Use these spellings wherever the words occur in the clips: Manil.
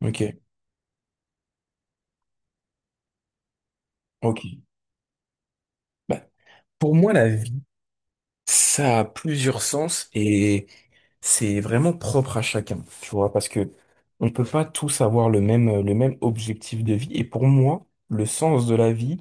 Ok, ok. Bah, pour moi, la vie, ça a plusieurs sens et c'est vraiment propre à chacun, tu vois, parce que on peut pas tous avoir le même objectif de vie. Et pour moi, le sens de la vie,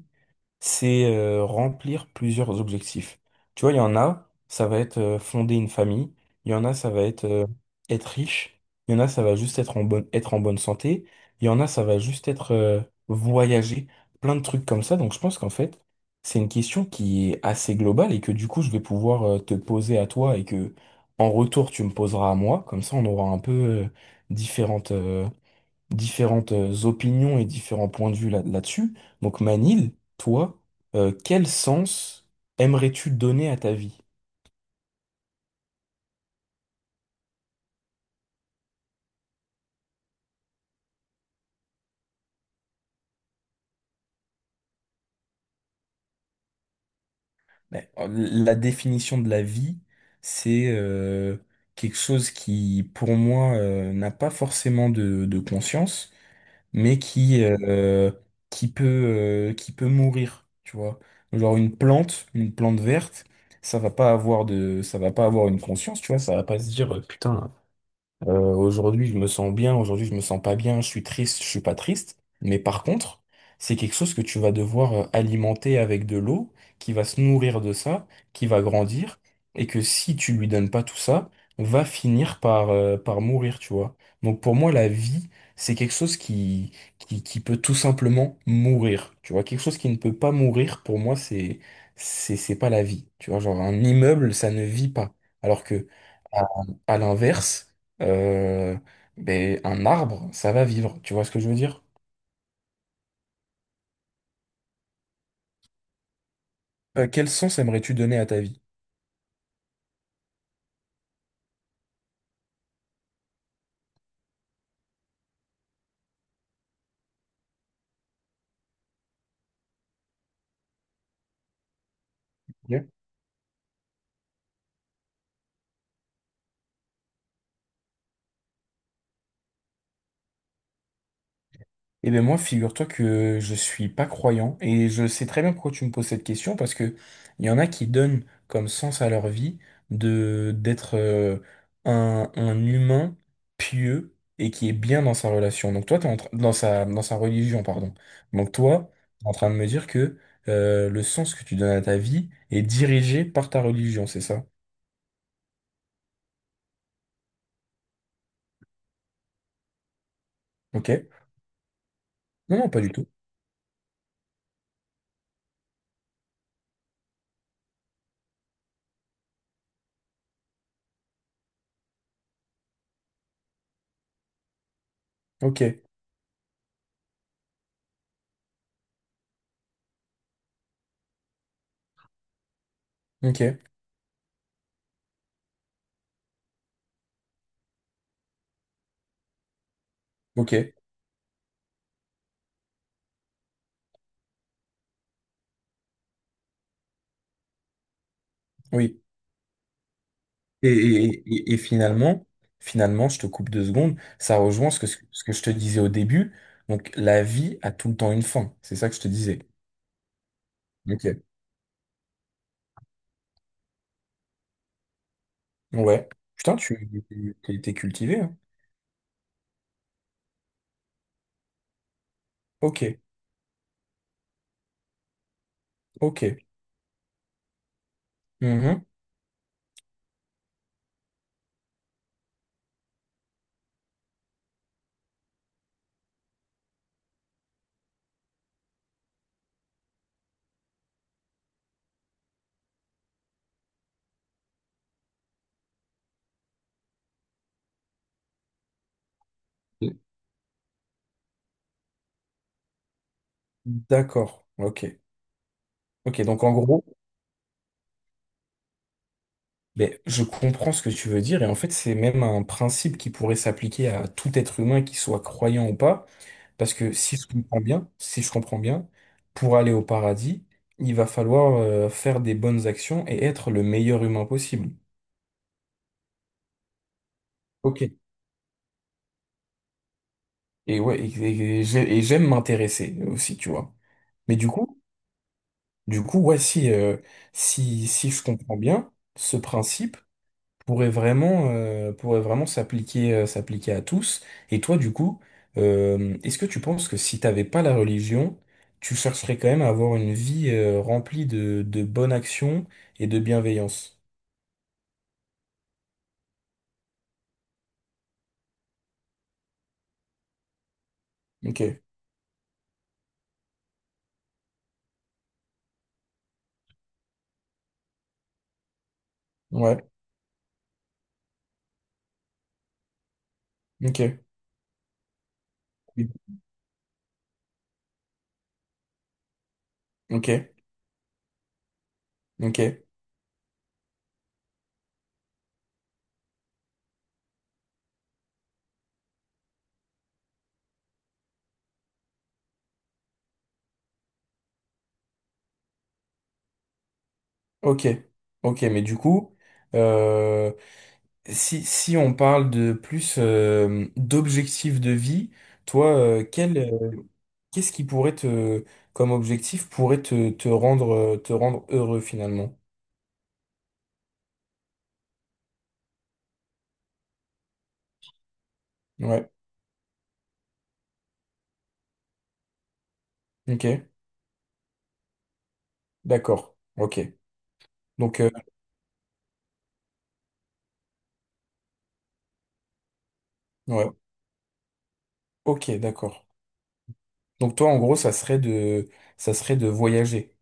c'est remplir plusieurs objectifs. Tu vois, il y en a, ça va être fonder une famille, il y en a, ça va être être riche, il y en a, ça va juste être en être en bonne santé, il y en a, ça va juste être voyager, plein de trucs comme ça. Donc je pense qu'en fait, c'est une question qui est assez globale et que du coup, je vais pouvoir te poser à toi et que en retour, tu me poseras à moi. Comme ça, on aura un peu différentes, euh, différentes opinions et différents points de vue là-dessus. Donc Manil, toi, quel sens aimerais-tu donner à ta vie? La définition de la vie, c'est quelque chose qui, pour moi, n'a pas forcément de conscience, mais qui peut, qui peut mourir, tu vois. Genre une une plante verte, ça va pas avoir ça va pas avoir une conscience, tu vois, ça va pas se dire, putain, aujourd'hui, je me sens bien, aujourd'hui, je me sens pas bien, je suis triste, je suis pas triste. Mais par contre, c'est quelque chose que tu vas devoir alimenter avec de l'eau, qui va se nourrir de ça, qui va grandir, et que si tu lui donnes pas tout ça, va finir par mourir, tu vois. Donc pour moi, la vie, c'est quelque chose qui peut tout simplement mourir, tu vois. Quelque chose qui ne peut pas mourir, pour moi, c'est pas la vie, tu vois. Genre, un immeuble, ça ne vit pas. Alors que, à à l'inverse, euh, un arbre, ça va vivre. Tu vois ce que je veux dire? Quel sens aimerais-tu donner à ta vie? Ok. Eh bien moi, figure-toi que je suis pas croyant et je sais très bien pourquoi tu me poses cette question parce que il y en a qui donnent comme sens à leur vie de d'être un humain pieux et qui est bien dans sa relation. Donc toi, t'es en train- Dans sa dans sa religion, pardon. Donc toi, t'es en train de me dire que le sens que tu donnes à ta vie est dirigé par ta religion, c'est ça? Ok? Non, non, pas du tout. Ok, ok, ok, oui. Et finalement, finalement, je te coupe deux secondes, ça rejoint ce que je te disais au début. Donc, la vie a tout le temps une fin. C'est ça que je te disais. Ok. Ouais. Putain, tu t'es cultivé, hein. Ok, ok. Mhm. D'accord, ok. Ok, donc en gros, ben, je comprends ce que tu veux dire, et en fait, c'est même un principe qui pourrait s'appliquer à tout être humain, qu'il soit croyant ou pas. Parce que si je comprends bien, si je comprends bien, pour aller au paradis, il va falloir faire des bonnes actions et être le meilleur humain possible. Ok. Et ouais, et j'aime m'intéresser aussi, tu vois. Mais du coup, ouais, si, si je comprends bien ce principe, pourrait vraiment s'appliquer, s'appliquer à tous. Et toi, du coup, est-ce que tu penses que si t'avais pas la religion, tu chercherais quand même à avoir une vie, remplie de bonnes actions et de bienveillance? Ok, ouais, ok, oui, ok, ok, ok, ok, mais du coup, euh, si, si on parle de plus, d'objectifs de vie, toi, qu'est-ce qui pourrait te, comme objectif, te rendre heureux finalement? Ouais, ok, d'accord, ok. Donc, ouais, ok, d'accord. Donc toi, en gros, ça serait de voyager.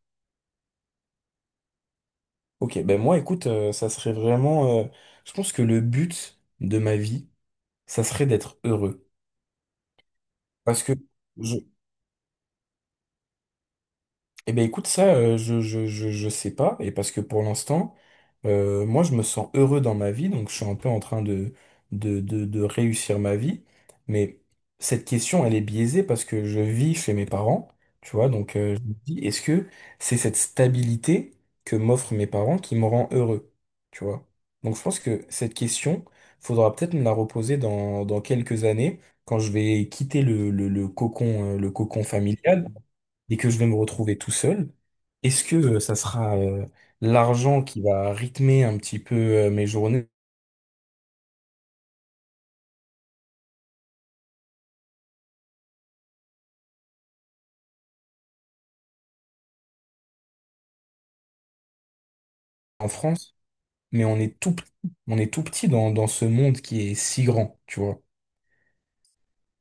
Ok, ben moi, écoute, ça serait vraiment, je pense que le but de ma vie, ça serait d'être heureux. Parce que je, Eh ben écoute, ça, je sais pas, et parce que pour l'instant, moi, je me sens heureux dans ma vie, donc je suis un peu en train de réussir ma vie, mais cette question, elle est biaisée parce que je vis chez mes parents, tu vois, donc je me dis, est-ce que c'est cette stabilité que m'offrent mes parents qui me rend heureux, tu vois? Donc je pense que cette question, faudra peut-être me la reposer dans quelques années, quand je vais quitter le cocon familial et que je vais me retrouver tout seul, est-ce que ça sera l'argent qui va rythmer un petit peu mes journées en France? Mais on est tout petit, on est tout petit dans ce monde qui est si grand, tu vois.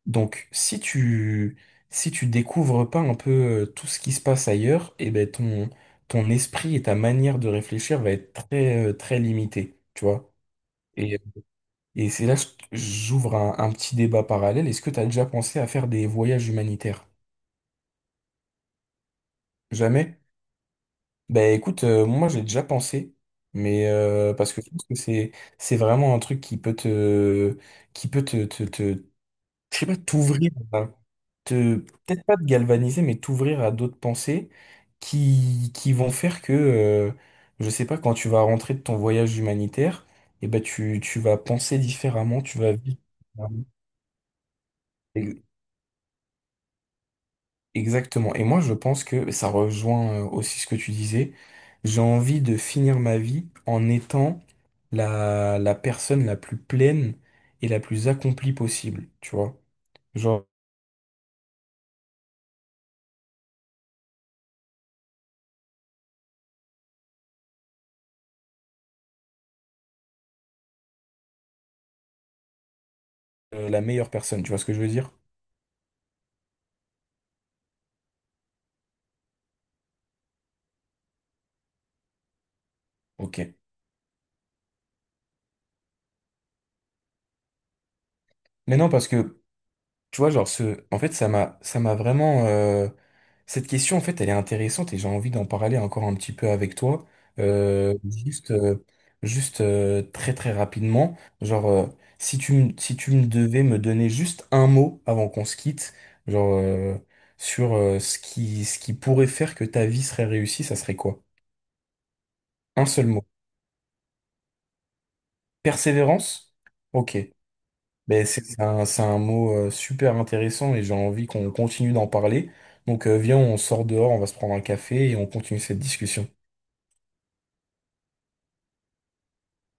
Donc si tu si tu découvres pas un peu tout ce qui se passe ailleurs, eh ben ton ton esprit et ta manière de réfléchir va être très très limitée, tu vois. Et, et c'est là que j'ouvre un petit débat parallèle. Est-ce que tu as déjà pensé à faire des voyages humanitaires? Jamais? Ben écoute, moi j'ai déjà pensé, mais parce que je pense que c'est vraiment un truc qui peut te qui peut te je sais pas te peut-être pas te galvaniser, mais t'ouvrir à d'autres pensées qui vont faire que je sais pas quand tu vas rentrer de ton voyage humanitaire, et ben tu tu vas penser différemment, tu vas vivre différemment. Exactement. Et moi, je pense que ça rejoint aussi ce que tu disais. J'ai envie de finir ma vie en étant la personne la plus pleine et la plus accomplie possible, tu vois. Genre, la meilleure personne, tu vois ce que je veux dire? Ok. Mais non, parce que tu vois, genre, en fait, ça m'a vraiment, cette question, en fait, elle est intéressante et j'ai envie d'en parler encore un petit peu avec toi. Euh, juste euh, juste très très rapidement. Genre, si tu me devais me donner juste un mot avant qu'on se quitte, genre, euh, sur ce qui pourrait faire que ta vie serait réussie, ça serait quoi? Un seul mot. Persévérance? Ok. Ben, c'est un mot super intéressant et j'ai envie qu'on continue d'en parler. Donc viens, on sort dehors, on va se prendre un café et on continue cette discussion.